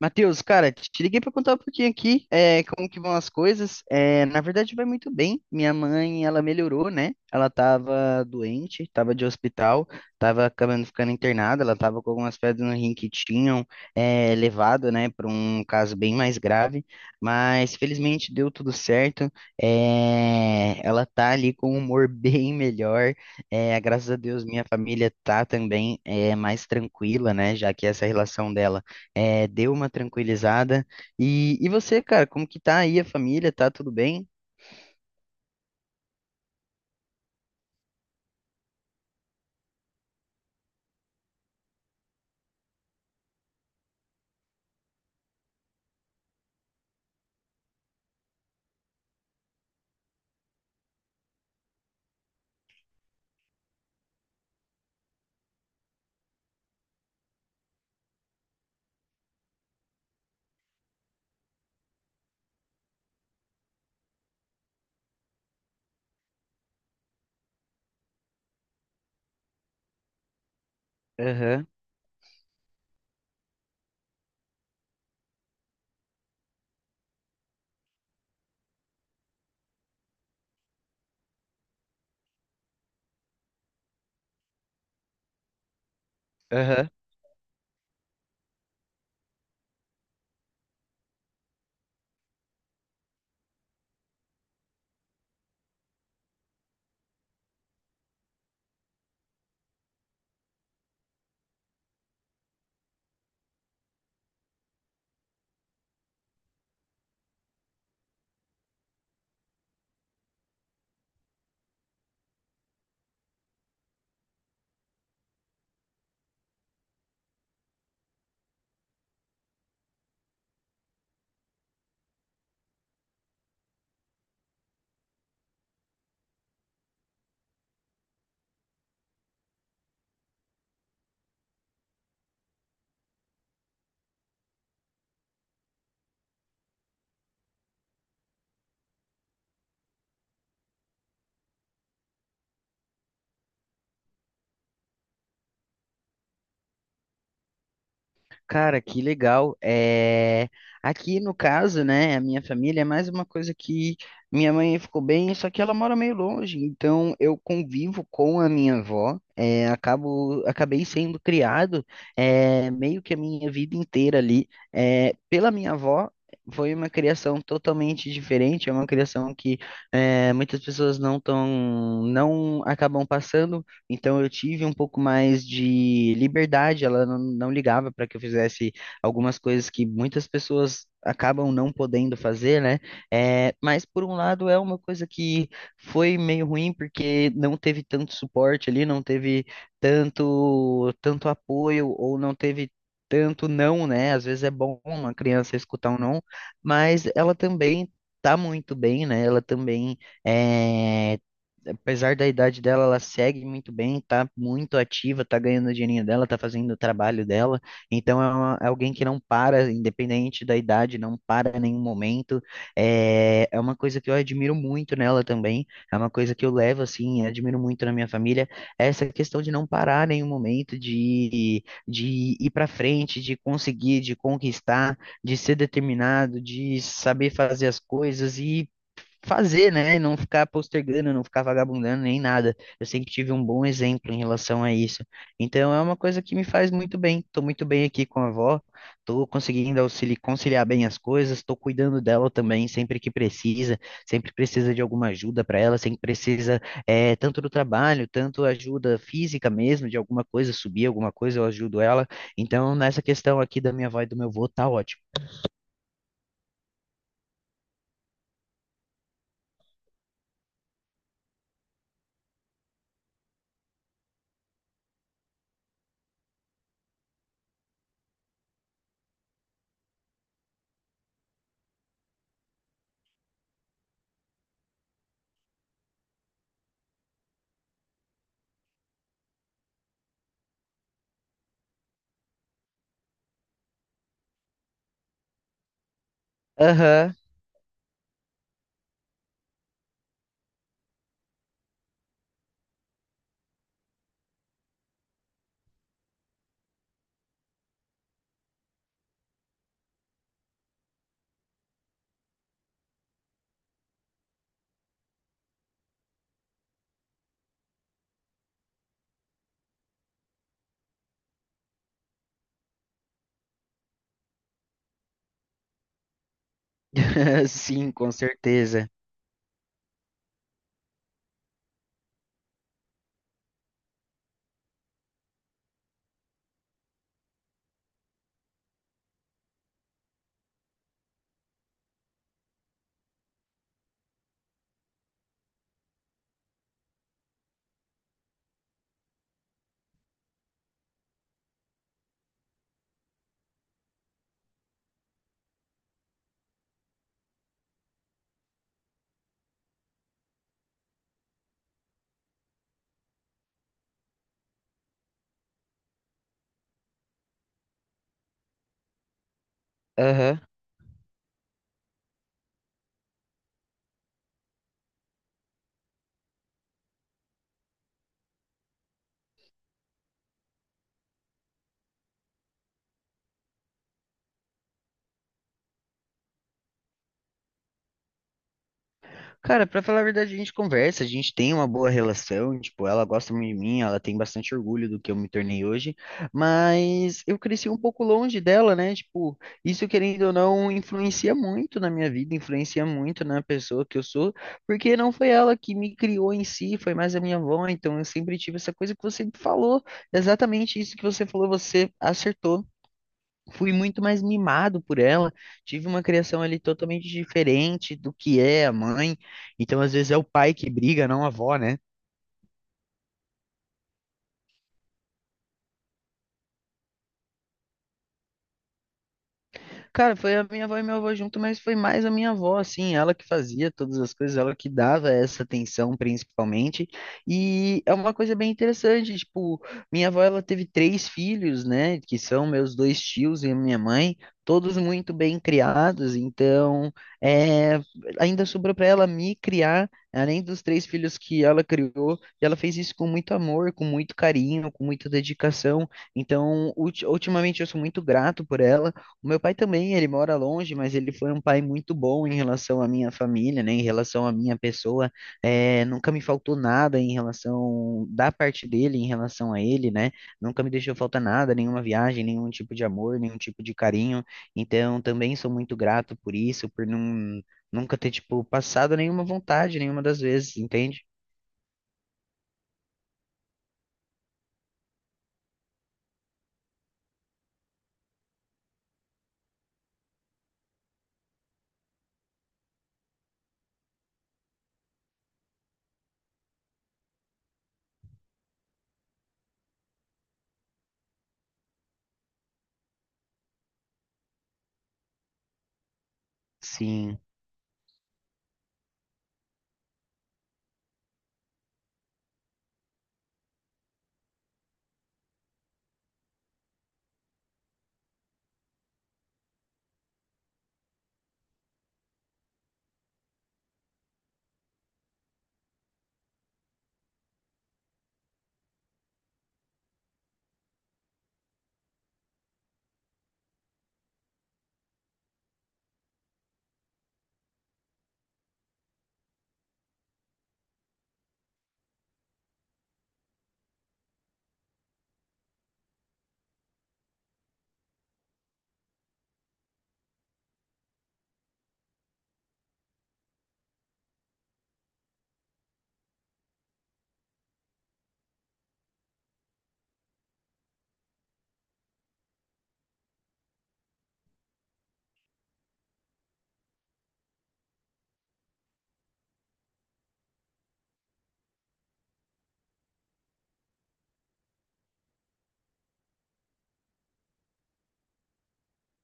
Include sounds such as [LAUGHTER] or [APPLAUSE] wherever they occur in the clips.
Matheus, cara, te liguei para contar um pouquinho aqui, como que vão as coisas. Na verdade, vai muito bem. Minha mãe, ela melhorou, né? Ela tava doente, tava de hospital, tava acabando ficando internada. Ela tava com algumas pedras no rim que tinham levado, né, para um caso bem mais grave. Mas felizmente deu tudo certo. É, ela tá ali com um humor [LAUGHS] bem melhor. Graças a Deus, minha família tá também mais tranquila, né? Já que essa relação dela deu uma tranquilizada. E você, cara, como que tá aí a família? Tá tudo bem? Aham, aham. Cara, que legal. Aqui no caso, né, a minha família é mais uma coisa que minha mãe ficou bem, só que ela mora meio longe, então eu convivo com a minha avó. É, acabei sendo criado meio que a minha vida inteira ali, pela minha avó. Foi uma criação totalmente diferente, é uma criação que muitas pessoas não acabam passando. Então eu tive um pouco mais de liberdade, ela não ligava para que eu fizesse algumas coisas que muitas pessoas acabam não podendo fazer, né? É, mas por um lado é uma coisa que foi meio ruim porque não teve tanto suporte ali, não teve tanto apoio ou não teve tanto não, né? Às vezes é bom uma criança escutar um não, mas ela também tá muito bem, né? Ela também, é, apesar da idade dela, ela segue muito bem, tá muito ativa, tá ganhando o dinheirinho dela, tá fazendo o trabalho dela. Então é alguém que não para, independente da idade, não para em nenhum momento. É uma coisa que eu admiro muito nela também, é uma coisa que eu levo assim, admiro muito na minha família, é essa questão de não parar em nenhum momento, de ir para frente, de conseguir, de conquistar, de ser determinado, de saber fazer as coisas e fazer, né? Não ficar postergando, não ficar vagabundando nem nada. Eu sempre tive um bom exemplo em relação a isso. Então é uma coisa que me faz muito bem. Tô muito bem aqui com a avó, tô conseguindo conciliar bem as coisas, tô cuidando dela também sempre que precisa, sempre precisa de alguma ajuda para ela, sempre precisa tanto do trabalho, tanto ajuda física mesmo, de alguma coisa, subir alguma coisa, eu ajudo ela. Então nessa questão aqui da minha avó e do meu avô tá ótimo. Aham. [LAUGHS] Sim, com certeza. Aham. Cara, pra falar a verdade, a gente conversa, a gente tem uma boa relação, tipo, ela gosta muito de mim, ela tem bastante orgulho do que eu me tornei hoje, mas eu cresci um pouco longe dela, né? Tipo, isso querendo ou não influencia muito na minha vida, influencia muito na pessoa que eu sou, porque não foi ela que me criou em si, foi mais a minha avó, então eu sempre tive essa coisa que você falou, exatamente isso que você falou, você acertou, fui muito mais mimado por ela, tive uma criação ali totalmente diferente do que é a mãe. Então, às vezes é o pai que briga, não a avó, né? Cara, foi a minha avó e meu avô junto, mas foi mais a minha avó, assim, ela que fazia todas as coisas, ela que dava essa atenção principalmente. E é uma coisa bem interessante, tipo, minha avó, ela teve três filhos, né, que são meus dois tios e a minha mãe, todos muito bem criados, então, é, ainda sobrou para ela me criar, além dos três filhos que ela criou, e ela fez isso com muito amor, com muito carinho, com muita dedicação. Então, ultimamente eu sou muito grato por ela. O meu pai também, ele mora longe, mas ele foi um pai muito bom em relação à minha família, né? Em relação à minha pessoa. É, nunca me faltou nada em relação da parte dele, em relação a ele, né? Nunca me deixou faltar nada, nenhuma viagem, nenhum tipo de amor, nenhum tipo de carinho. Então, também sou muito grato por isso, por não, nunca ter, tipo, passado nenhuma vontade, nenhuma das vezes, entende? Sim.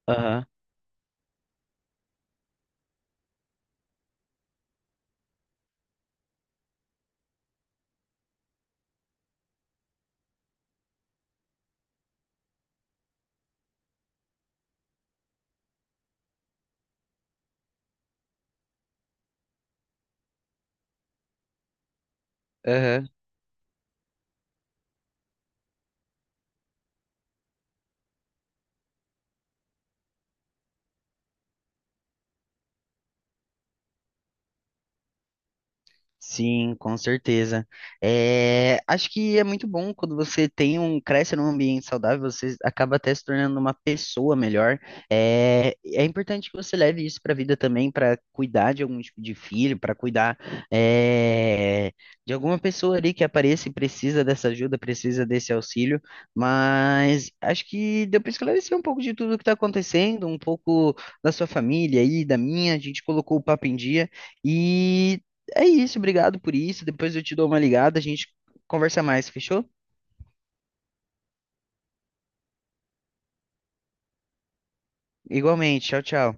Aham. Aham. Sim, com certeza. É, acho que é muito bom quando você cresce num ambiente saudável, você acaba até se tornando uma pessoa melhor. É, é importante que você leve isso para a vida também, para cuidar de algum tipo de filho, para cuidar, é, de alguma pessoa ali que apareça e precisa dessa ajuda, precisa desse auxílio. Mas acho que deu para esclarecer um pouco de tudo que está acontecendo, um pouco da sua família e da minha. A gente colocou o papo em dia. E é isso, obrigado por isso. Depois eu te dou uma ligada, a gente conversa mais, fechou? Igualmente, tchau, tchau.